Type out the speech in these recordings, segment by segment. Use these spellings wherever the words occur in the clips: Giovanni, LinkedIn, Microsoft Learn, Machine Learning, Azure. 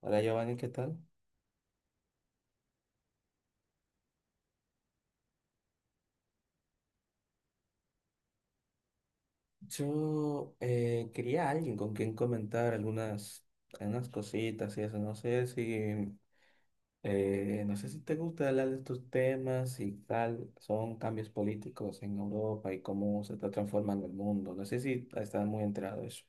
Hola Giovanni, ¿qué tal? Yo quería a alguien con quien comentar algunas cositas y eso. No sé si, no sé si te gusta hablar de estos temas y tal. Son cambios políticos en Europa y cómo se está transformando el mundo. No sé si estás muy enterado de eso.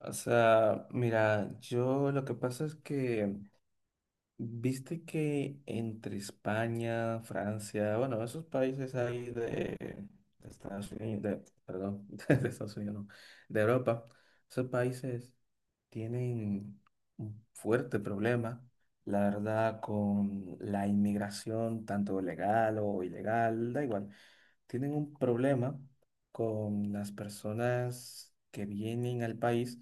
O sea, mira, yo lo que pasa es que viste que entre España, Francia, bueno, esos países ahí de Estados Unidos, perdón, de Estados Unidos, no, de Europa, esos países tienen un fuerte problema, la verdad, con la inmigración, tanto legal o ilegal, da igual. Tienen un problema con las personas que vienen al país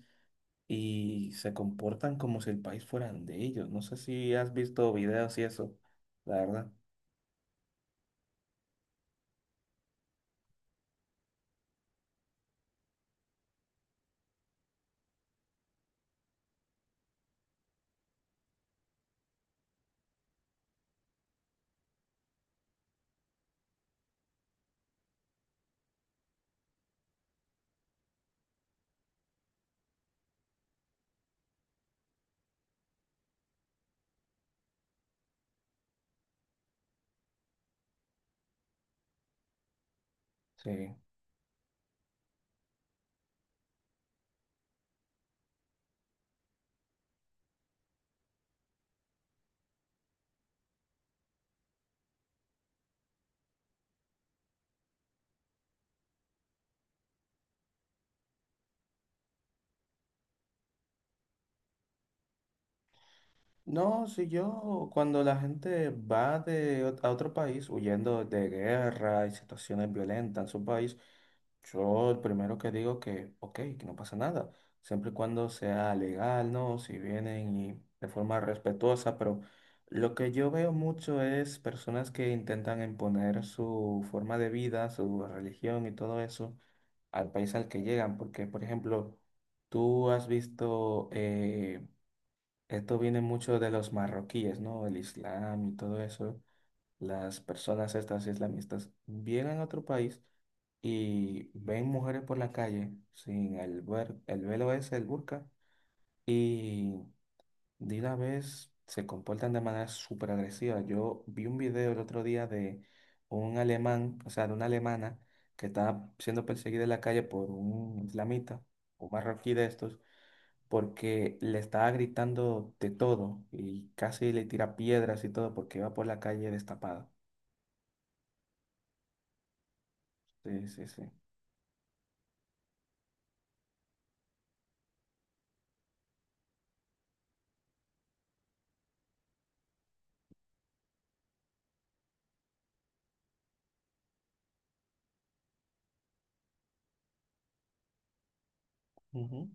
y se comportan como si el país fueran de ellos. No sé si has visto videos y eso, la verdad. Sí. No, si yo, cuando la gente va a otro país huyendo de guerra y situaciones violentas en su país, yo el primero que digo que, ok, que no pasa nada, siempre y cuando sea legal, ¿no? Si vienen y de forma respetuosa, pero lo que yo veo mucho es personas que intentan imponer su forma de vida, su religión y todo eso al país al que llegan, porque, por ejemplo, tú has visto, esto viene mucho de los marroquíes, ¿no? El Islam y todo eso. Las personas estas islamistas vienen a otro país y ven mujeres por la calle sin el velo ese, el burka, y de una vez se comportan de manera súper agresiva. Yo vi un video el otro día de un alemán, o sea, de una alemana que estaba siendo perseguida en la calle por un islamita, un marroquí de estos, porque le estaba gritando de todo y casi le tira piedras y todo porque iba por la calle destapada. Sí, sí, sí. Ujú.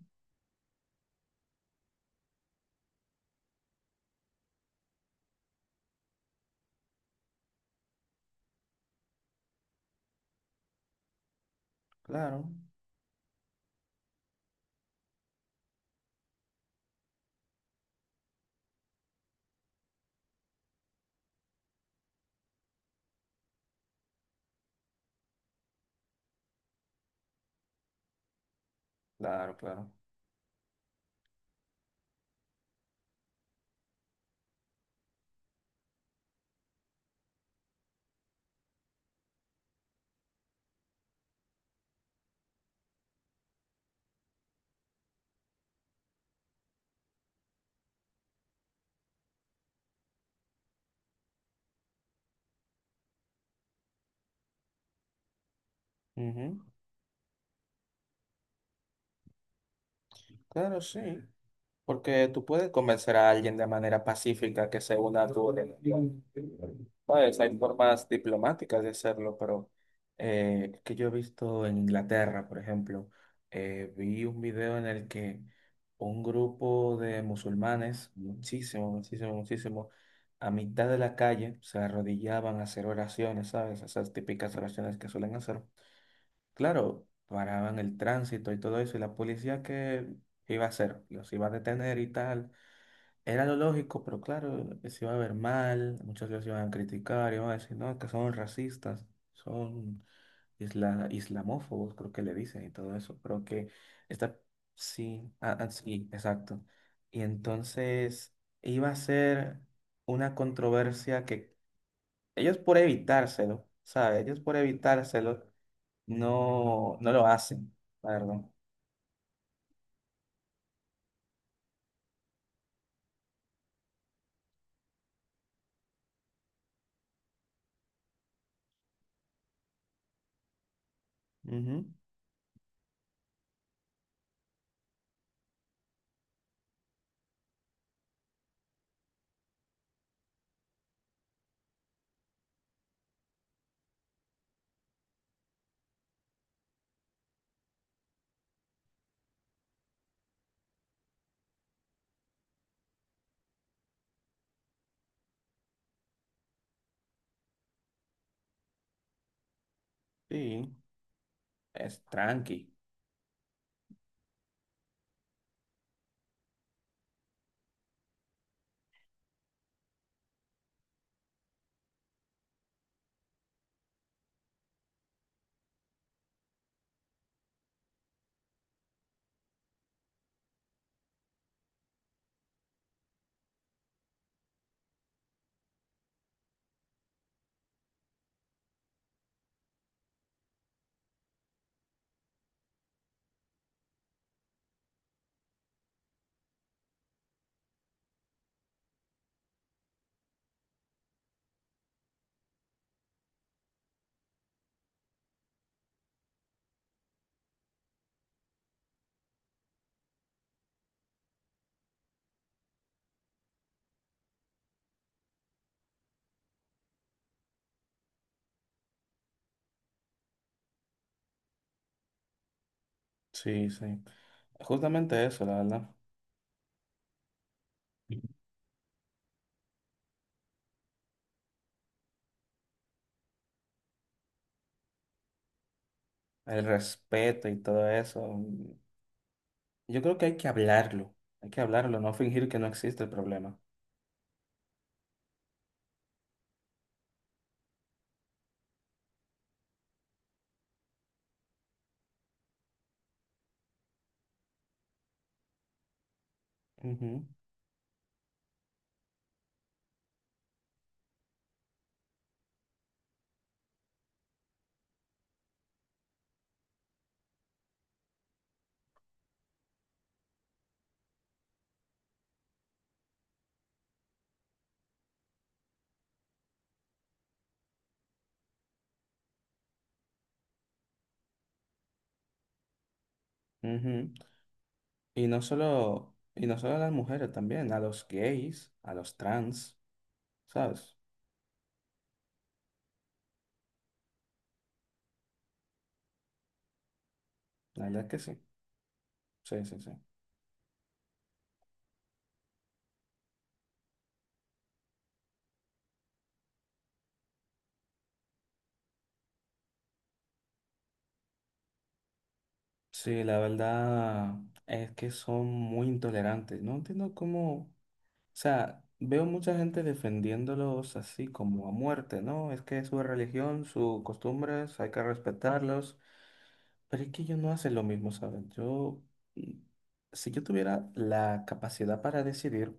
Claro, claro, claro. Ujú. Claro, sí. Porque tú puedes convencer a alguien de manera pacífica que se una a tu organización. Pues hay formas diplomáticas de hacerlo, pero que yo he visto en Inglaterra, por ejemplo, vi un video en el que un grupo de musulmanes, muchísimo, muchísimo, muchísimo, a mitad de la calle se arrodillaban a hacer oraciones, ¿sabes? Esas típicas oraciones que suelen hacer. Claro, paraban el tránsito y todo eso, y la policía que iba a hacer, los iba a detener y tal. Era lo lógico, pero claro, se iba a ver mal, muchos los iban a criticar, iban a decir, no, que son racistas, son islamófobos, creo que le dicen y todo eso, pero que está, sí, ah, ah, sí, exacto. Y entonces iba a ser una controversia que ellos por evitárselo, ¿sabes? Ellos por evitárselo no lo hacen, la verdad. Ujú. Sí. Es tranqui. Sí, sí. Justamente eso, la verdad. El respeto y todo eso. Yo creo que hay que hablarlo. Hay que hablarlo, no fingir que no existe el problema. Ujú. Ujú. Y no solo a las mujeres también, a los gays, a los trans, ¿sabes? La verdad que sí. Sí, sí, sí. Sí, la verdad es que son muy intolerantes. No entiendo cómo. O sea, veo mucha gente defendiéndolos así como a muerte, ¿no? Es que su religión, sus costumbres, hay que respetarlos. Pero es que ellos no hacen lo mismo, ¿saben? Mm, si yo tuviera la capacidad para decidir,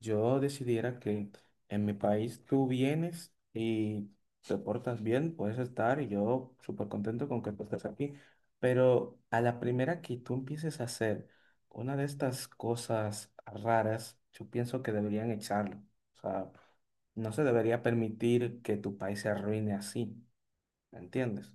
yo decidiera que en mi país tú vienes y te portas bien, puedes estar y yo súper contento con que tú estés aquí, pero a la primera que tú empieces a hacer una de estas cosas raras, yo pienso que deberían echarlo. O sea, no se debería permitir que tu país se arruine así, ¿me entiendes?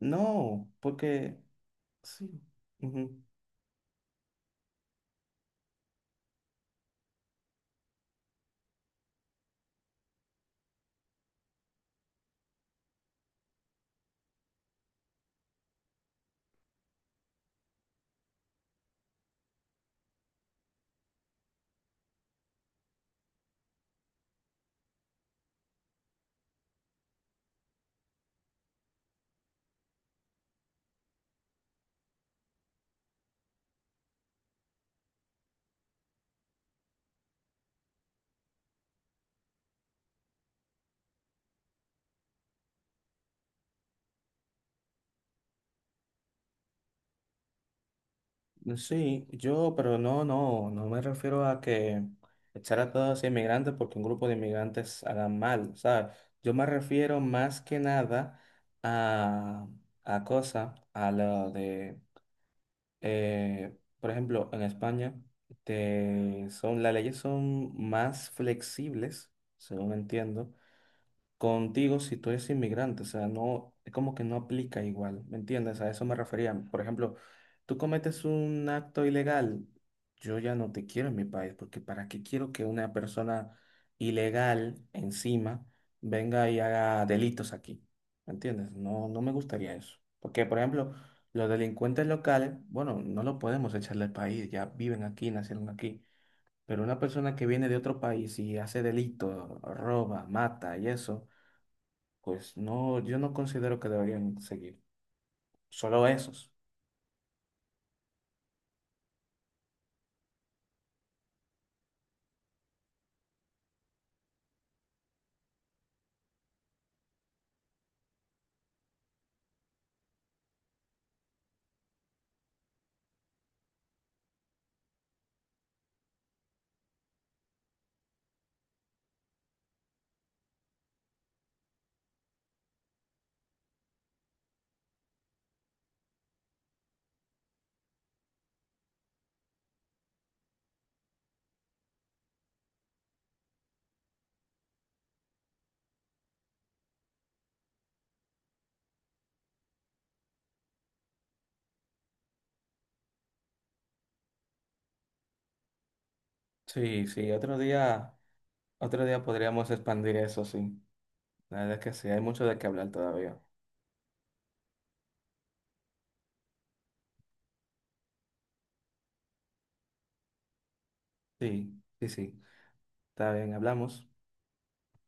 No, porque sí. Sí, yo, pero no, no, no me refiero a que echar a todos los inmigrantes porque un grupo de inmigrantes hagan mal, ¿sabes? Yo me refiero más que nada a, a cosas, a lo de, eh, por ejemplo, en España, son, las leyes son más flexibles, según entiendo, contigo si tú eres inmigrante, o sea, no, es como que no aplica igual, ¿me entiendes? A eso me refería. Por ejemplo, tú cometes un acto ilegal, yo ya no te quiero en mi país, porque ¿para qué quiero que una persona ilegal encima venga y haga delitos aquí? ¿Me entiendes? No, no me gustaría eso. Porque, por ejemplo, los delincuentes locales, bueno, no lo podemos echar del país, ya viven aquí, nacieron aquí. Pero una persona que viene de otro país y hace delito, roba, mata y eso, pues no, yo no considero que deberían seguir. Solo esos. Sí, sí, otro día podríamos expandir eso, sí. La verdad es que sí, hay mucho de qué hablar todavía. Sí, sí, sí. Está bien, hablamos.